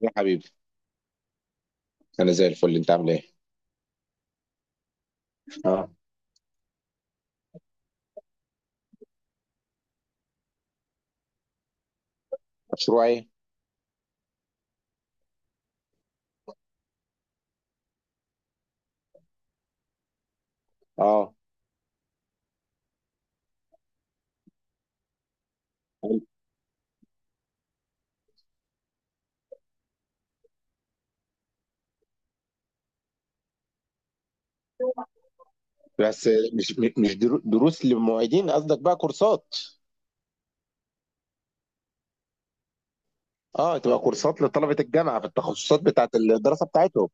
يا حبيبي. انا زي الفل، انت عامل ايه؟ اه. مشروع ايه؟ اه، بس مش دروس للمعيدين، قصدك بقى كورسات؟ اه، تبقى كورسات لطلبة الجامعة في التخصصات بتاعت الدراسة بتاعتهم.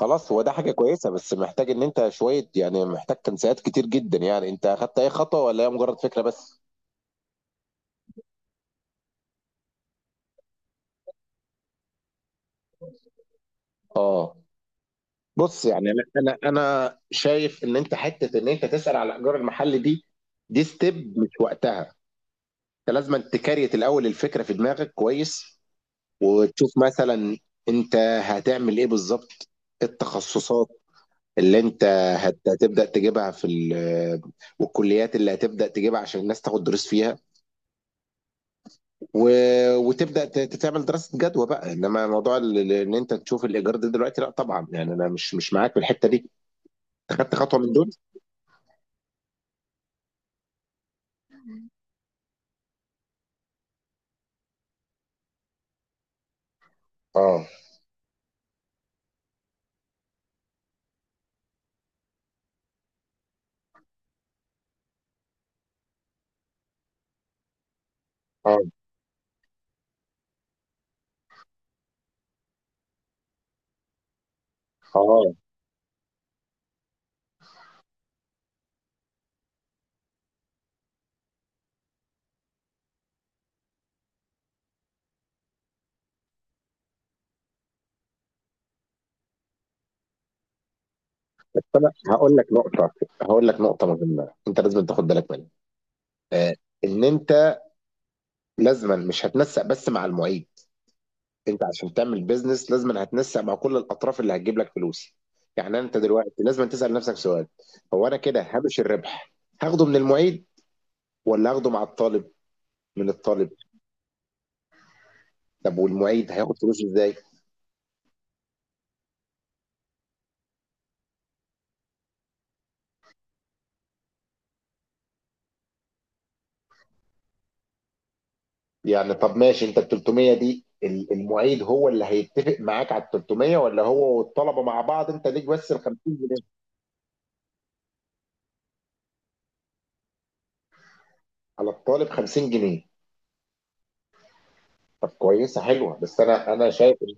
خلاص، هو ده حاجة كويسة. بس محتاج ان انت شوية، يعني محتاج تنسيقات كتير جدا. يعني انت اخدت اي خطوة ولا هي مجرد فكرة بس؟ اه، بص، يعني انا شايف ان انت حتة ان انت تسأل على الايجار المحلي دي، دي ستيب مش وقتها. انت لازم تكريت الاول الفكرة في دماغك كويس، وتشوف مثلا انت هتعمل ايه بالظبط. إيه التخصصات اللي انت هتبدأ تجيبها في والكليات اللي هتبدأ تجيبها عشان الناس تاخد دروس فيها. و- وتبدأ تعمل دراسة جدوى بقى. انما موضوع ان انت تشوف الايجار ده دلوقتي، لا طبعا، يعني انا مش معاك في الحتة دي. خدت خطوة من دول؟ اه، اه، اه، بس انا هقول لك نقطة مهمة انت لازم تاخد بالك منها. آه، ان انت لازما مش هتنسق بس مع المعيد. انت عشان تعمل بيزنس لازم هتنسق مع كل الاطراف اللي هتجيب لك فلوس. يعني انت دلوقتي لازم تسال نفسك سؤال. هو انا كده هامش الربح هاخده من المعيد ولا هاخده مع الطالب؟ من الطالب. طب والمعيد هياخد فلوسه ازاي؟ يعني طب ماشي، انت ال 300 دي المعيد هو اللي هيتفق معاك على ال 300، ولا هو والطلبه مع بعض، انت ليك بس ال 50 جنيه؟ على الطالب 50 جنيه؟ طب كويسه، حلوه. بس انا شايف إن...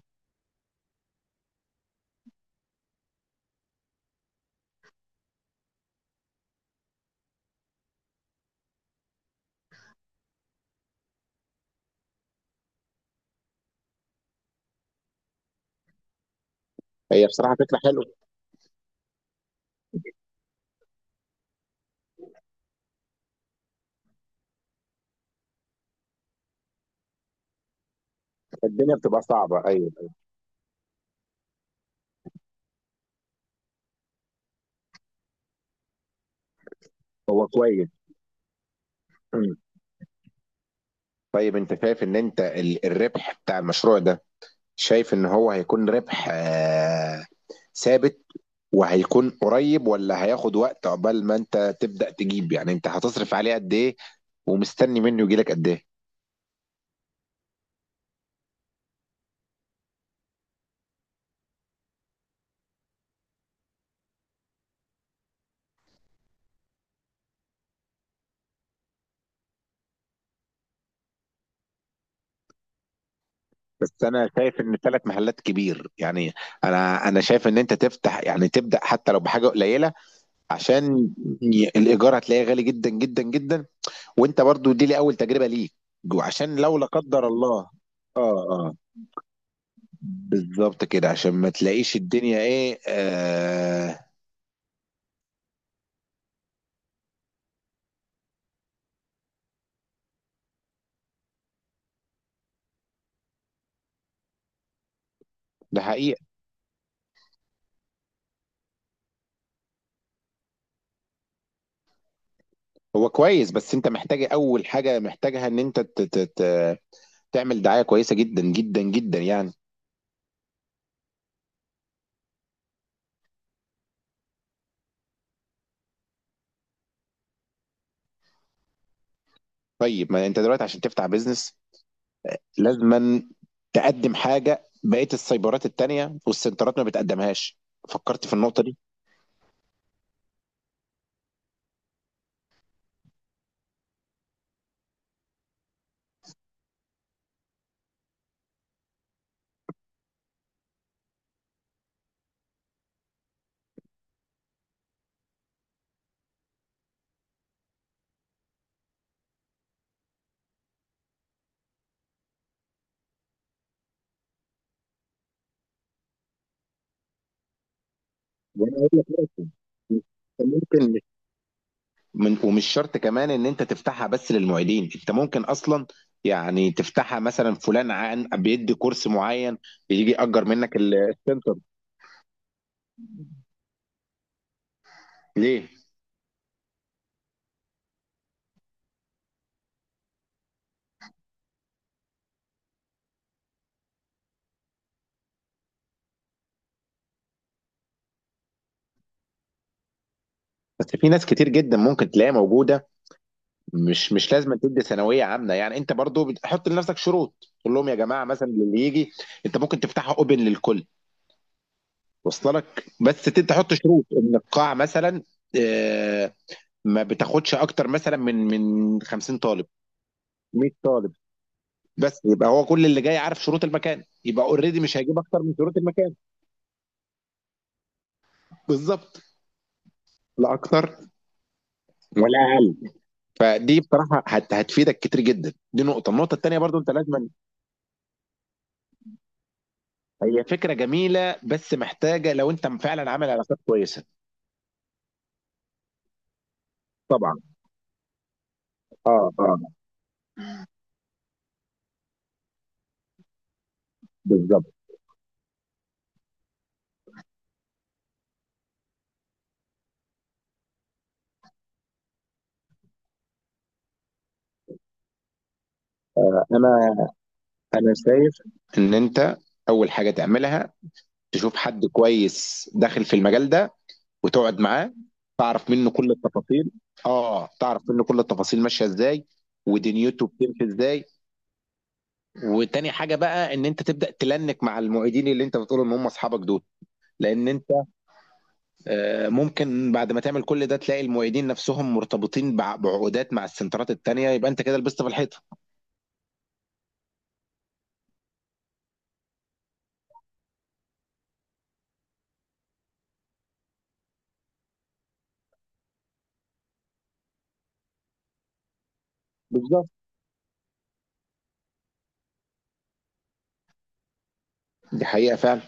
هي بصراحه فكره حلوه. الدنيا بتبقى صعبه، ايوه. هو كويس. طيب، انت شايف ان انت الربح بتاع المشروع ده، شايف ان هو هيكون ربح ثابت؟ وهيكون قريب ولا هياخد وقت عقبال ما انت تبدأ تجيب؟ يعني انت هتصرف عليه قد ايه ومستني منه يجيلك قد ايه؟ بس انا شايف ان ثلاث محلات كبير يعني. انا شايف ان انت تفتح، يعني تبدأ حتى لو بحاجة قليلة. عشان الايجار هتلاقيه غالي جدا جدا جدا. وانت برضو دي لي اول تجربة ليك. وعشان لو لا قدر الله... اه، آه. بالظبط كده، عشان ما تلاقيش الدنيا ايه، آه. ده حقيقة. هو كويس. بس انت محتاج اول حاجة محتاجها ان انت ت ت ت تعمل دعاية كويسة جدا جدا جدا يعني. طيب، ما انت دلوقتي عشان تفتح بيزنس لازما تقدم حاجة بقية السايبرات التانية والسنترات ما بتقدمهاش. فكرت في النقطة دي؟ ولا ممكن، من ومش شرط كمان ان انت تفتحها بس للمعيدين، انت ممكن اصلا. يعني تفتحها مثلا فلان عن بيدي كورس معين يجي يأجر منك السنتر. ليه؟ بس في ناس كتير جدا ممكن تلاقيها موجوده. مش لازم تدي ثانويه عامه، يعني انت برضو بتحط لنفسك شروط. تقول لهم يا جماعه مثلا اللي يجي. انت ممكن تفتحها اوبن للكل. وصل لك بس تحط شروط ان القاع مثلا. آه، ما بتاخدش اكتر مثلا من 50 طالب. 100 طالب. بس يبقى هو كل اللي جاي عارف شروط المكان، يبقى اوريدي مش هيجيب اكتر من شروط المكان. بالظبط. لا اكتر. ولا اقل. فدي بصراحه هتفيدك كتير جدا. دي نقطه، النقطه الثانيه برضو انت لازم. هي فكره جميله بس محتاجه لو انت فعلا عامل علاقات كويسه. طبعا. اه، اه، بالظبط. انا انا شايف ان انت اول حاجه تعملها، تشوف حد كويس داخل في المجال ده. وتقعد معاه، تعرف منه كل التفاصيل. اه، تعرف منه كل التفاصيل ماشيه ازاي. ودنيته بتمشي ازاي. وتاني حاجه بقى، ان انت تبدا تلنك مع المعيدين اللي انت بتقول ان هم اصحابك دول. لان انت ممكن بعد ما تعمل كل ده تلاقي المعيدين نفسهم مرتبطين بعقودات مع السنترات التانيه، يبقى انت كده لبست في الحيطه. بالظبط. دي حقيقه فعلا.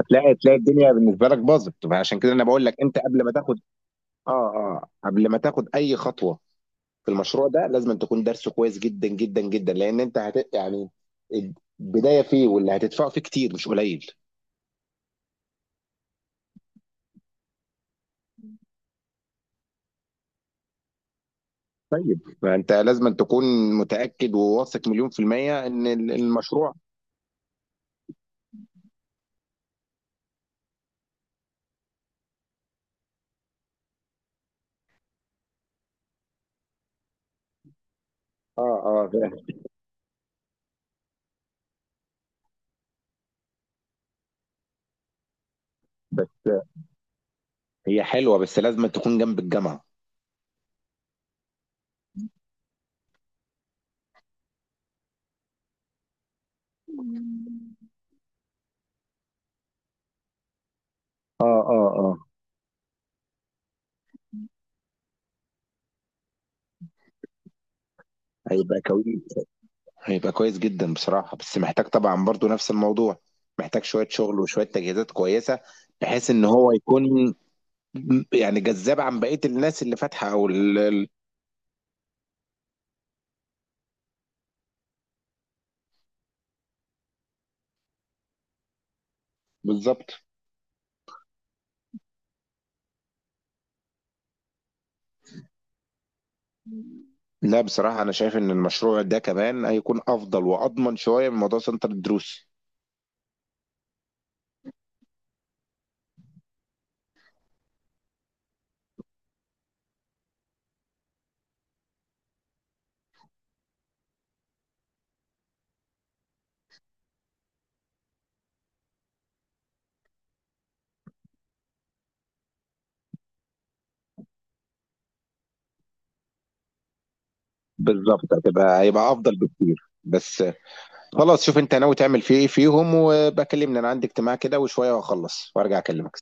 تلاقي الدنيا بالنسبه لك باظت. عشان كده انا بقول لك انت قبل ما تاخد... اه، اه، قبل ما تاخد اي خطوه في المشروع ده لازم أن تكون درسه كويس جدا جدا جدا. لان انت يعني البدايه فيه واللي هتدفعه فيه كتير مش قليل. طيب، فانت لازم أن تكون متاكد وواثق مليون في الميه ان المشروع. اه، اه، فاهم. بس هي حلوه، بس لازم أن تكون جنب الجامعه. اه، اه، اه، هيبقى كويس هيبقى كويس جدا بصراحة. بس محتاج طبعا برضو نفس الموضوع، محتاج شوية شغل وشوية تجهيزات كويسة. بحيث ان هو يكون يعني جذاب عن بقية الناس اللي فاتحة او بالظبط. لا، بصراحة أنا شايف إن المشروع ده كمان هيكون أفضل وأضمن شوية من موضوع سنتر الدروس. بالظبط. هيبقى أفضل بكتير. بس. خلاص، شوف أنت ناوي تعمل فيه إيه فيهم وبكلمني. أنا عندي اجتماع كده وشوية وأخلص وأرجع أكلمك.